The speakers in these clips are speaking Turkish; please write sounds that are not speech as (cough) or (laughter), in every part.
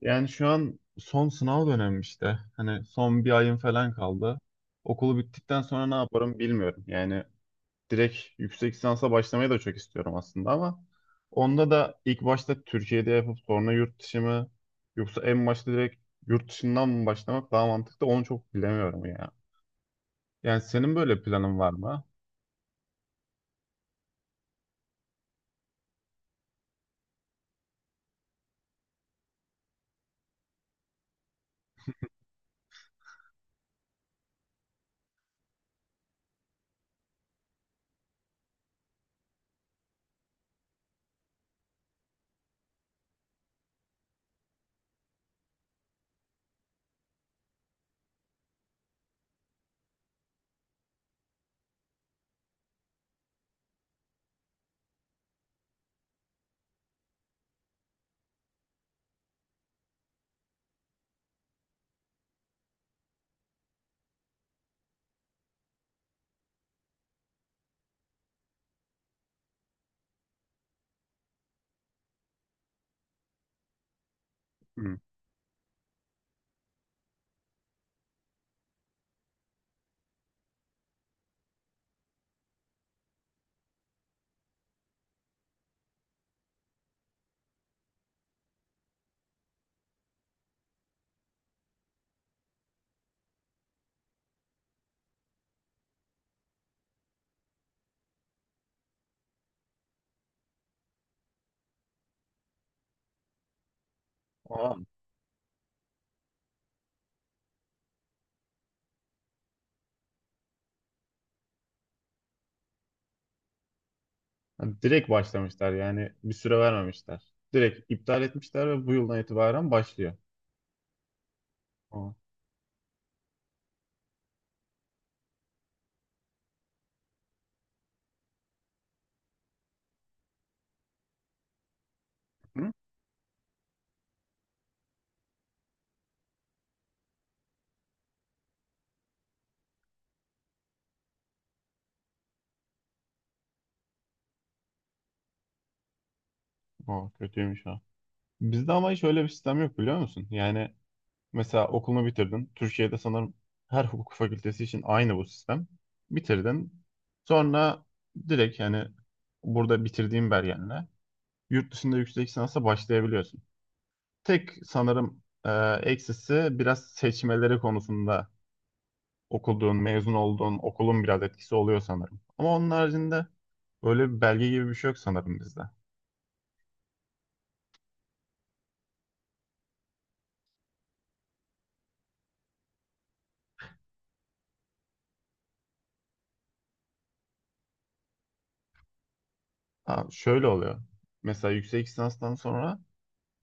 Yani şu an son sınav dönemim işte. Hani son bir ayım falan kaldı. Okulu bittikten sonra ne yaparım bilmiyorum. Yani direkt yüksek lisansa başlamayı da çok istiyorum aslında ama onda da ilk başta Türkiye'de yapıp sonra yurt dışı mı yoksa en başta direkt yurt dışından mı başlamak daha mantıklı onu çok bilemiyorum ya. Yani senin böyle planın var mı? Hı. Aa, hani direkt başlamışlar yani bir süre vermemişler. Direkt iptal etmişler ve bu yıldan itibaren başlıyor. Aa. Hı? Aa, kötüymüş ha. Bizde ama hiç öyle bir sistem yok biliyor musun? Yani mesela okulunu bitirdin. Türkiye'de sanırım her hukuk fakültesi için aynı bu sistem. Bitirdin. Sonra direkt yani burada bitirdiğin belgenle yurt dışında yüksek lisansa başlayabiliyorsun. Tek sanırım eksisi biraz seçmeleri konusunda okuduğun, mezun olduğun okulun biraz etkisi oluyor sanırım. Ama onun haricinde öyle bir belge gibi bir şey yok sanırım bizde. Ha, şöyle oluyor. Mesela yüksek lisanstan sonra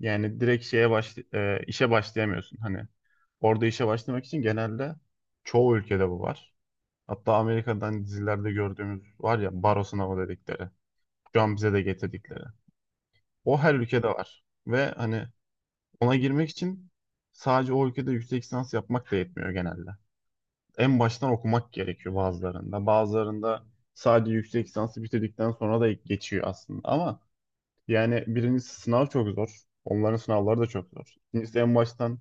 yani direkt işe başlayamıyorsun. Hani orada işe başlamak için genelde çoğu ülkede bu var. Hatta Amerika'dan dizilerde gördüğümüz var ya baro sınavı dedikleri. Şu an bize de getirdikleri. O her ülkede var. Ve hani ona girmek için sadece o ülkede yüksek lisans yapmak da yetmiyor genelde. En baştan okumak gerekiyor bazılarında. Bazılarında sadece yüksek lisansı bitirdikten sonra da geçiyor aslında. Ama yani birincisi sınav çok zor. Onların sınavları da çok zor. İkincisi en baştan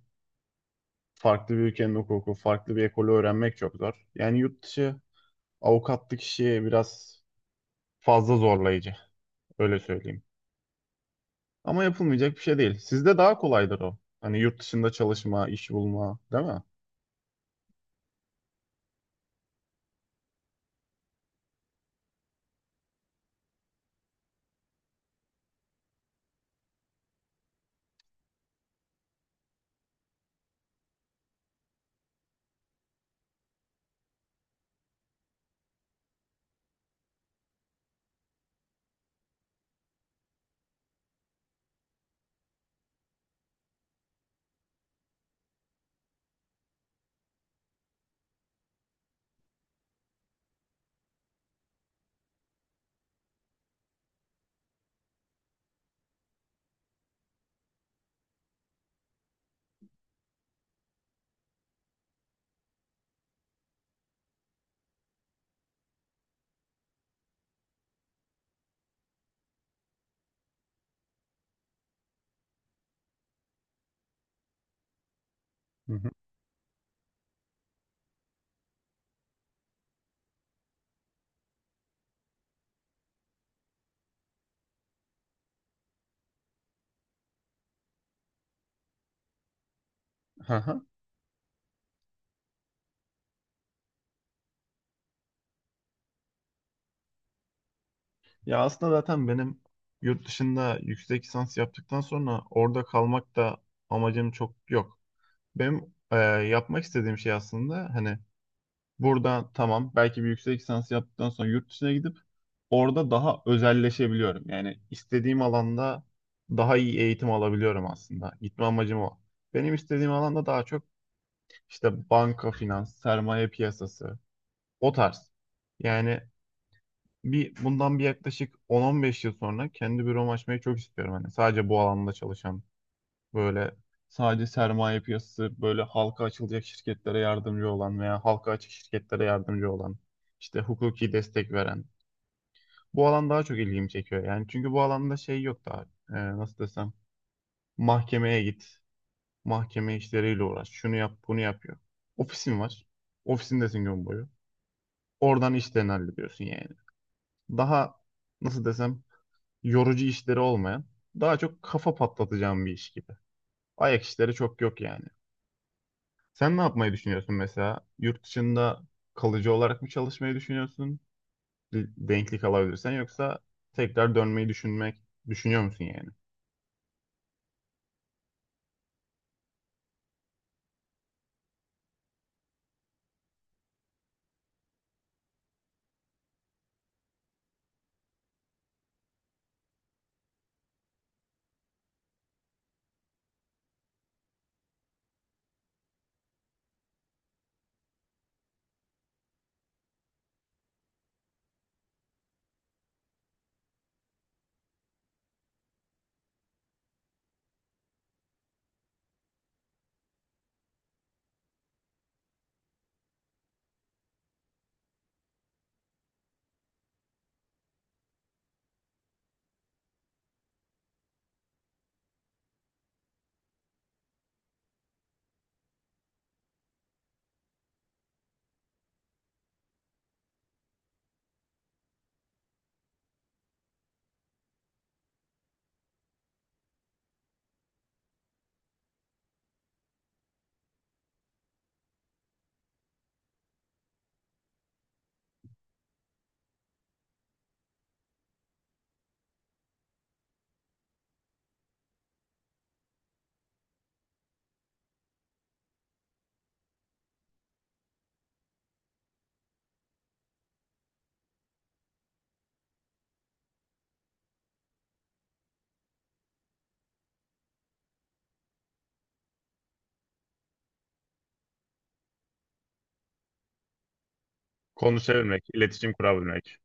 farklı bir ülkenin hukuku, farklı bir ekolü öğrenmek çok zor. Yani yurt dışı avukatlık işi biraz fazla zorlayıcı, öyle söyleyeyim. Ama yapılmayacak bir şey değil. Sizde daha kolaydır o. Hani yurt dışında çalışma, iş bulma, değil mi? Hı hı. Hı hı. Ya aslında zaten benim yurt dışında yüksek lisans yaptıktan sonra orada kalmak da amacım çok yok. Benim yapmak istediğim şey aslında hani buradan tamam belki bir yüksek lisans yaptıktan sonra yurt dışına gidip orada daha özelleşebiliyorum. Yani istediğim alanda daha iyi eğitim alabiliyorum aslında. Gitme amacım o. Benim istediğim alanda daha çok işte banka, finans, sermaye piyasası o tarz. Yani bundan yaklaşık 10-15 yıl sonra kendi büromu açmayı çok istiyorum. Hani sadece bu alanda çalışan böyle sadece sermaye piyasası böyle halka açılacak şirketlere yardımcı olan veya halka açık şirketlere yardımcı olan işte hukuki destek veren bu alan daha çok ilgimi çekiyor. Yani çünkü bu alanda şey yok daha. Nasıl desem. Mahkemeye git. Mahkeme işleriyle uğraş. Şunu yap, bunu yap yok. Ofisin var. Ofisindesin gün boyu. Oradan işlerini hallediyorsun yani. Daha nasıl desem yorucu işleri olmayan, daha çok kafa patlatacağım bir iş gibi. Ayak işleri çok yok yani. Sen ne yapmayı düşünüyorsun mesela? Yurt dışında kalıcı olarak mı çalışmayı düşünüyorsun? Denklik alabilirsen yoksa tekrar dönmeyi düşünmek düşünüyor musun yani? Konuşabilmek, iletişim kurabilmek.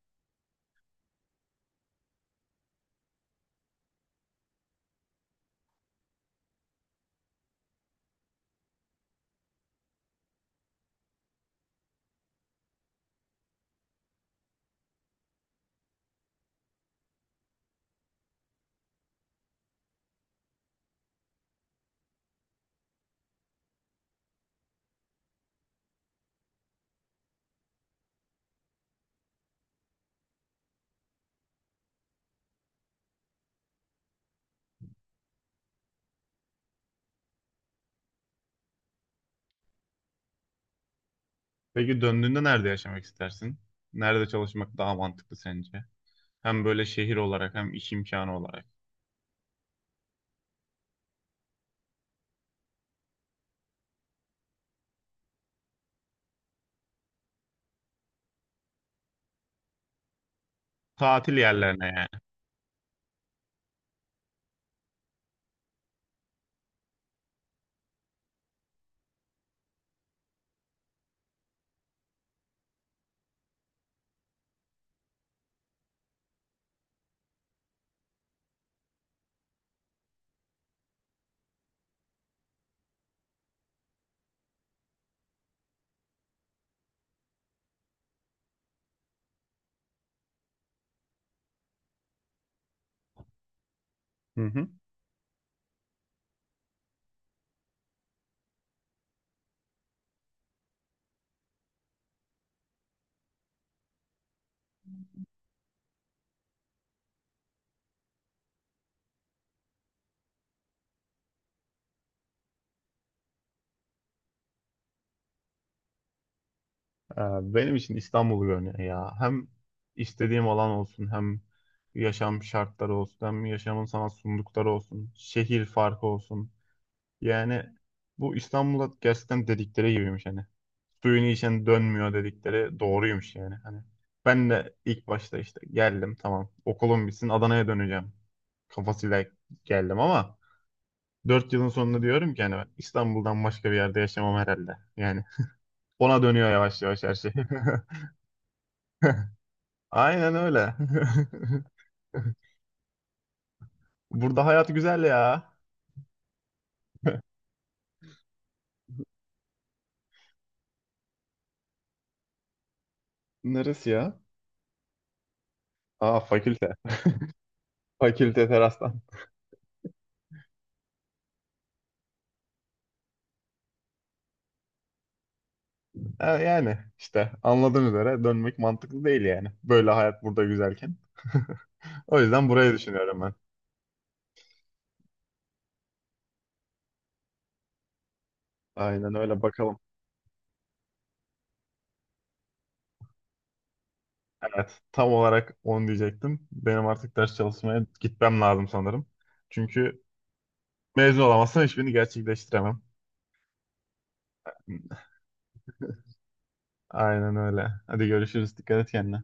Peki döndüğünde nerede yaşamak istersin? Nerede çalışmak daha mantıklı sence? Hem böyle şehir olarak hem iş imkanı olarak. Tatil yerlerine yani. Hı hı. Benim için İstanbul görünüyor ya. Hem istediğim alan olsun hem yaşam şartları olsun hem yaşamın sana sundukları olsun. Şehir farkı olsun. Yani bu İstanbul'a gerçekten dedikleri gibiymiş hani. Suyunu içen dönmüyor dedikleri doğruymuş yani. Hani ben de ilk başta işte geldim tamam okulum bitsin Adana'ya döneceğim kafasıyla geldim ama 4 yılın sonunda diyorum ki hani ben İstanbul'dan başka bir yerde yaşamam herhalde. Yani ona dönüyor yavaş yavaş her şey. (laughs) Aynen öyle. (laughs) Burada hayat güzel ya. Neresi ya? Aa fakülte. Fakülte terastan. Ha, yani işte anladığın üzere dönmek mantıklı değil yani. Böyle hayat burada güzelken. (laughs) O yüzden burayı düşünüyorum. Aynen öyle bakalım. Evet, tam olarak onu diyecektim. Benim artık ders çalışmaya gitmem lazım sanırım. Çünkü mezun olamazsam hiçbirini gerçekleştiremem. Aynen öyle. Hadi görüşürüz. Dikkat et kendine.